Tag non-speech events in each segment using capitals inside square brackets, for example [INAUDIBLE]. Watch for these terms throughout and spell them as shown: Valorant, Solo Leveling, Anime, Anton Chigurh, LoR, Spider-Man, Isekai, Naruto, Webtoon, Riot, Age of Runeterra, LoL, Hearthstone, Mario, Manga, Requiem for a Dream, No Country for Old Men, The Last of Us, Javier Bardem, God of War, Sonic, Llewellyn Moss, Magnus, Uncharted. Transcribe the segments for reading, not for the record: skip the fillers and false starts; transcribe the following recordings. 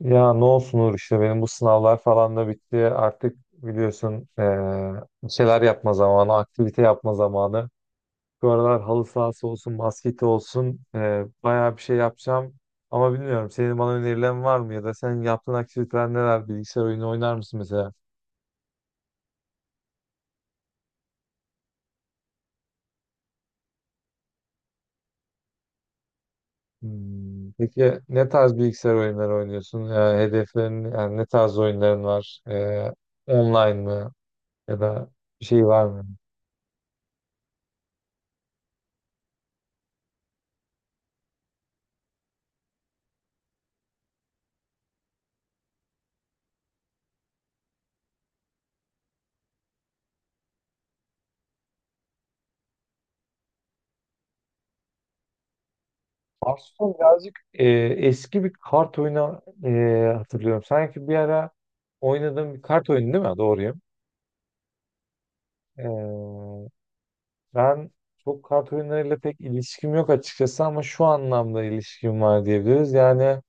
Ya ne olsun Uğur işte benim bu sınavlar falan da bitti. Artık biliyorsun bir şeyler yapma zamanı, aktivite yapma zamanı. Bu aralar halı sahası olsun, basketi olsun bayağı bir şey yapacağım. Ama bilmiyorum senin bana önerilerin var mı ya da senin yaptığın aktiviteler neler? Bilgisayar oyunu oynar mısın mesela? Hmm. Peki ne tarz bilgisayar oyunları oynuyorsun? Hedeflerin yani ne tarz oyunların var? Online mı ya da bir şey var mı? Hearthstone birazcık eski bir kart oyunu hatırlıyorum. Sanki bir ara oynadığım bir kart oyunu değil mi? Doğruyum. E, ben çok kart oyunlarıyla pek ilişkim yok açıkçası ama şu anlamda ilişkim var diyebiliriz. Yani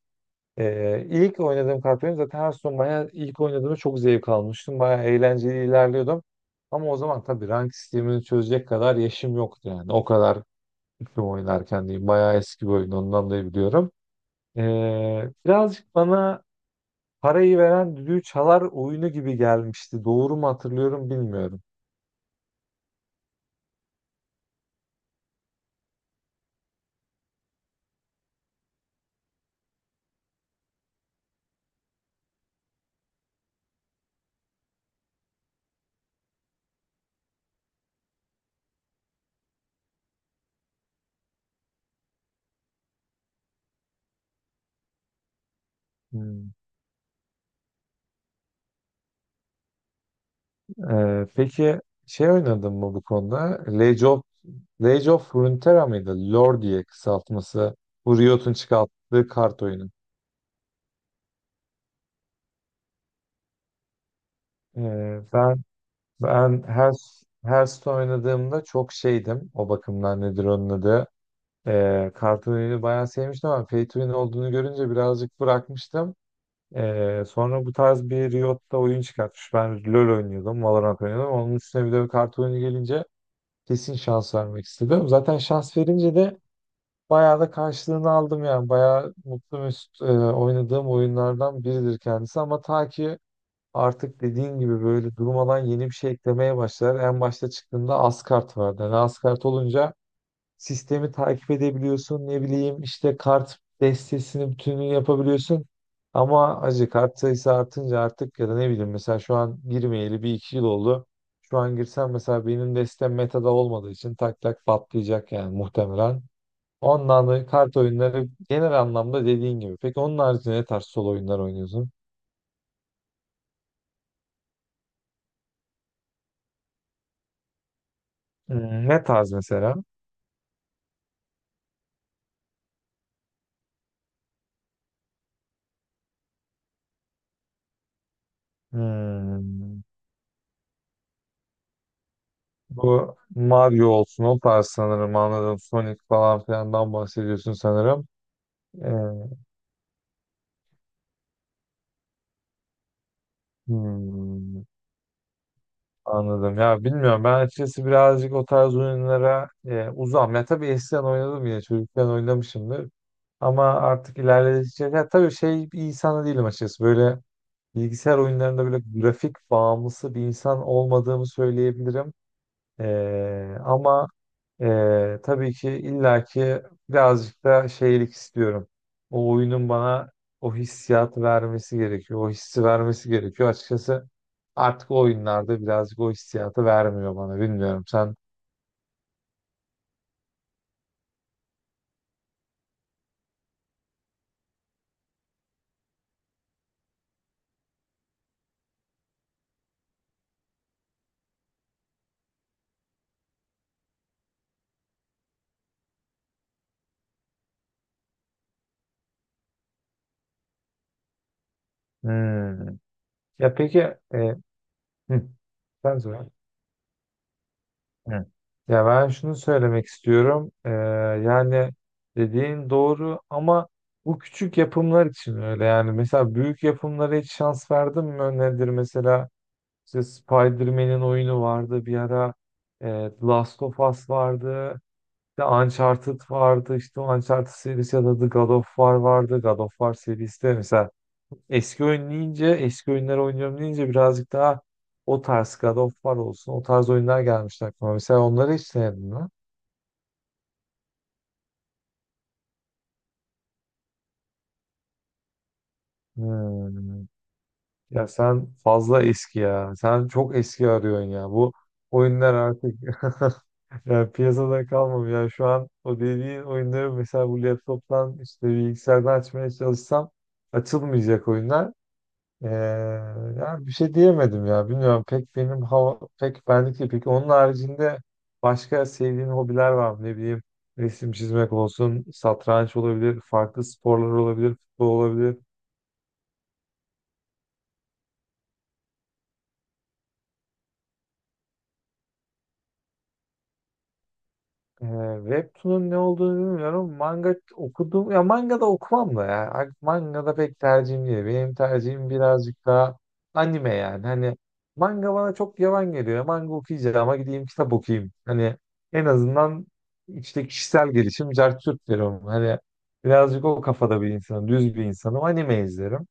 ilk oynadığım kart oyunu zaten Hearthstone bayağı ilk oynadığımda çok zevk almıştım. Bayağı eğlenceli ilerliyordum. Ama o zaman tabii rank sistemini çözecek kadar yaşım yoktu yani. O kadar tüm oynarken diyeyim. Bayağı eski bir oyun ondan da biliyorum. Birazcık bana parayı veren düdüğü çalar oyunu gibi gelmişti. Doğru mu hatırlıyorum bilmiyorum. Hmm. Peki şey oynadın mı bu konuda? Age of, Age of Runeterra mıydı? LoR diye kısaltması. Bu Riot'un çıkarttığı kart oyunu. Ee, ben ben her Hearthstone oynadığımda çok şeydim. O bakımdan nedir onun adı? Kart oyunu bayağı sevmiştim ama Pay to Win olduğunu görünce birazcık bırakmıştım. Sonra bu tarz bir Riot'ta oyun çıkartmış. Ben LoL oynuyordum, Valorant oynuyordum. Onun üstüne bir de bir kart oyunu gelince kesin şans vermek istedim. Zaten şans verince de bayağı da karşılığını aldım yani. Bayağı mutlu mesut oynadığım oyunlardan biridir kendisi. Ama ta ki artık dediğin gibi böyle durmadan yeni bir şey eklemeye başlar. En başta çıktığında az kart vardı. Yani az kart olunca sistemi takip edebiliyorsun. Ne bileyim işte kart destesinin bütününü yapabiliyorsun. Ama acı kart sayısı artınca artık ya da ne bileyim mesela şu an girmeyeli bir iki yıl oldu. Şu an girsem mesela benim destem metada olmadığı için tak tak patlayacak yani muhtemelen. Ondan da kart oyunları genel anlamda dediğin gibi. Peki onun haricinde ne tarz solo oyunlar oynuyorsun? Hmm, ne tarz mesela? Hmm. Bu Mario olsun o tarz sanırım anladım. Sonic falan filandan bahsediyorsun sanırım. Evet. Hmm, anladım. Ya bilmiyorum. Ben açıkçası birazcık o tarz oyunlara uzağım. Ya tabii eskiden oynadım yine. Çocukken oynamışımdır. Ama artık ilerledikçe ya tabii şey bir insan da değilim açıkçası. Böyle bilgisayar oyunlarında böyle grafik bağımlısı bir insan olmadığımı söyleyebilirim. E, ama tabii ki illaki birazcık da şeylik istiyorum. O oyunun bana o hissiyatı vermesi gerekiyor. O hissi vermesi gerekiyor. Açıkçası artık o oyunlarda birazcık o hissiyatı vermiyor bana. Bilmiyorum sen. Hmm. Ya peki e, hı, sen söyle. Hı. Ya ben şunu söylemek istiyorum. Yani dediğin doğru ama bu küçük yapımlar için öyle. Yani mesela büyük yapımlara hiç şans verdin mi? Nedir mesela? İşte Spider-Man'in oyunu vardı bir ara. E, The Last of Us vardı. İşte Uncharted vardı. İşte o Uncharted serisi ya da The God of War vardı. God of War serisi de mesela eski oyun deyince, eski oyunları oynuyorum deyince birazcık daha o tarz God of War olsun. O tarz oyunlar gelmişti aklıma. Mesela onları hiç denedin mi? Hmm. Ya sen fazla eski ya. Sen çok eski arıyorsun ya. Bu oyunlar artık [LAUGHS] Ya piyasada kalmam ya. Şu an o dediğin oyunları mesela bu laptoptan işte bilgisayardan açmaya çalışsam açılmayacak oyunlar. Ee, ya bir şey diyemedim ya. Bilmiyorum pek benim hava pek benlik değil. Peki onun haricinde başka sevdiğin hobiler var mı? Ne bileyim resim çizmek olsun, satranç olabilir, farklı sporlar olabilir, futbol olabilir. Ee, Webtoon'un ne olduğunu bilmiyorum. Manga okudum. Ya manga da okumam da ya. Manga da pek tercihim değil. Benim tercihim birazcık daha anime yani. Hani manga bana çok yavan geliyor. Manga okuyacağım ama gideyim kitap okuyayım. Hani en azından işte kişisel gelişim cart curt derim. Hani birazcık o kafada bir insanım. Düz bir insanım. Anime izlerim.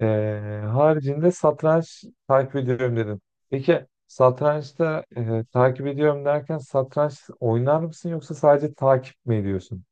Haricinde satranç takip ediyorum dedim. Peki satrançta takip ediyorum derken satranç oynar mısın yoksa sadece takip mi ediyorsun?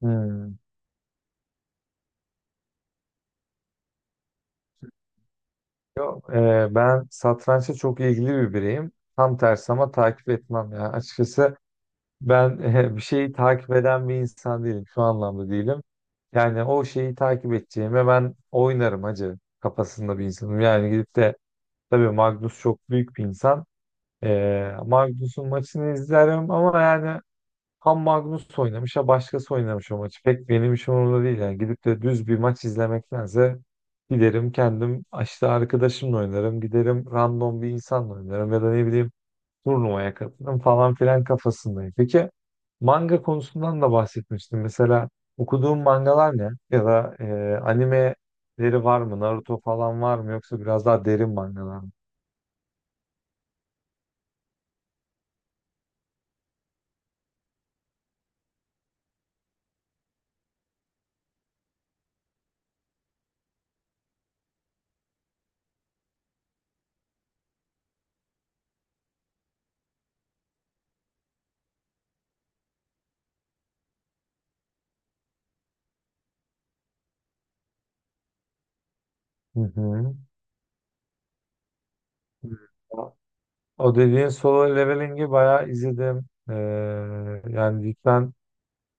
Hmm. Yok, ben satrançta çok ilgili bir bireyim. Tam tersi ama takip etmem ya. Açıkçası ben bir şeyi takip eden bir insan değilim. Şu anlamda değilim. Yani o şeyi takip edeceğime ben oynarım hacı kafasında bir insanım. Yani gidip de tabii Magnus çok büyük bir insan. Magnus'un maçını izlerim ama yani ham Magnus oynamış ya başkası oynamış o maçı. Pek benim işim orada değil. Yani gidip de düz bir maç izlemektense giderim kendim işte arkadaşımla oynarım. Giderim random bir insanla oynarım ya da ne bileyim turnuvaya katılırım falan filan kafasındayım. Peki manga konusundan da bahsetmiştim. Mesela okuduğum mangalar ne? Ya da animeleri var mı? Naruto falan var mı? Yoksa biraz daha derin mangalar mı? Hı hı. O dediğin solo leveling'i bayağı izledim. Yani cidden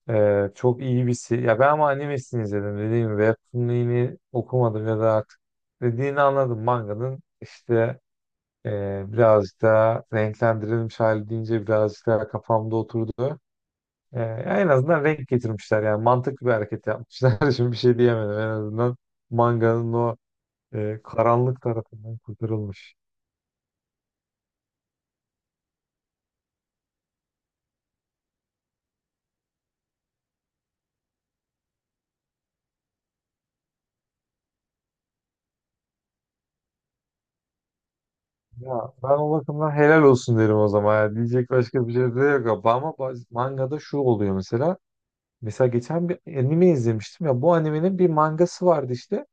çok iyi bir si- Ya ben ama animesini izledim dediğim gibi. Webtoon'ini okumadım ya da artık dediğini anladım. Manganın işte birazcık daha renklendirilmiş hali deyince birazcık daha kafamda oturdu. E, en azından renk getirmişler yani mantıklı bir hareket yapmışlar. [LAUGHS] Şimdi bir şey diyemedim en azından manganın o karanlık tarafından kurtarılmış. Ya ben o bakımdan helal olsun derim o zaman. Ya, diyecek başka bir şey de yok. Ama mangada şu oluyor mesela. Mesela geçen bir anime izlemiştim ya. Bu animenin bir mangası vardı işte.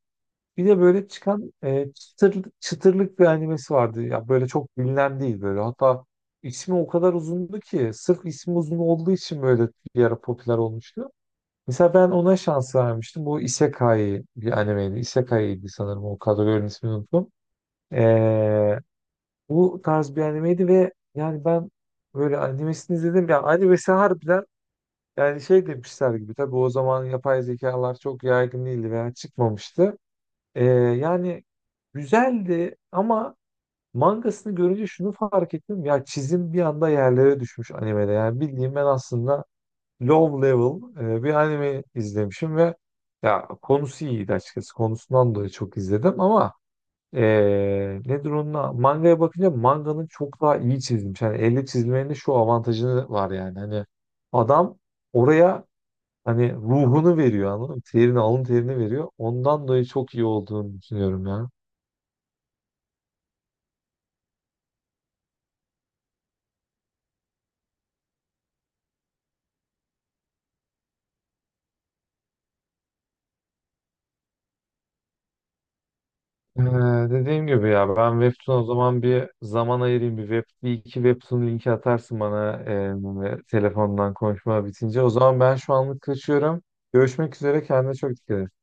Bir de böyle çıkan çıtırlık, çıtırlık bir animesi vardı. Ya böyle çok bilinen değil böyle. Hatta ismi o kadar uzundu ki sırf ismi uzun olduğu için böyle bir ara popüler olmuştu. Mesela ben ona şans vermiştim. Bu Isekai bir animeydi. Isekai'ydi sanırım o kadar ismini unuttum. Bu tarz bir animeydi ve yani ben böyle animesini izledim. Ya animesi harbiden yani şey demişler gibi. Tabii o zaman yapay zekalar çok yaygın değildi veya çıkmamıştı. Yani güzeldi ama mangasını görünce şunu fark ettim. Ya çizim bir anda yerlere düşmüş animede. Yani bildiğim ben aslında low level bir anime izlemişim ve ya konusu iyiydi açıkçası. Konusundan dolayı çok izledim ama nedir onunla? Mangaya bakınca manganın çok daha iyi çizilmiş. Hani elle çizmenin de şu avantajını var yani. Hani adam oraya hani ruhunu veriyor anladın mı? Terini, alın terini veriyor. Ondan dolayı çok iyi olduğunu düşünüyorum ya. Ee, dediğim gibi ya ben Webtoon o zaman bir zaman ayırayım. Bir web, bir iki Webtoon linki atarsın bana telefondan konuşma bitince. O zaman ben şu anlık kaçıyorum. Görüşmek üzere. Kendine çok dikkat et.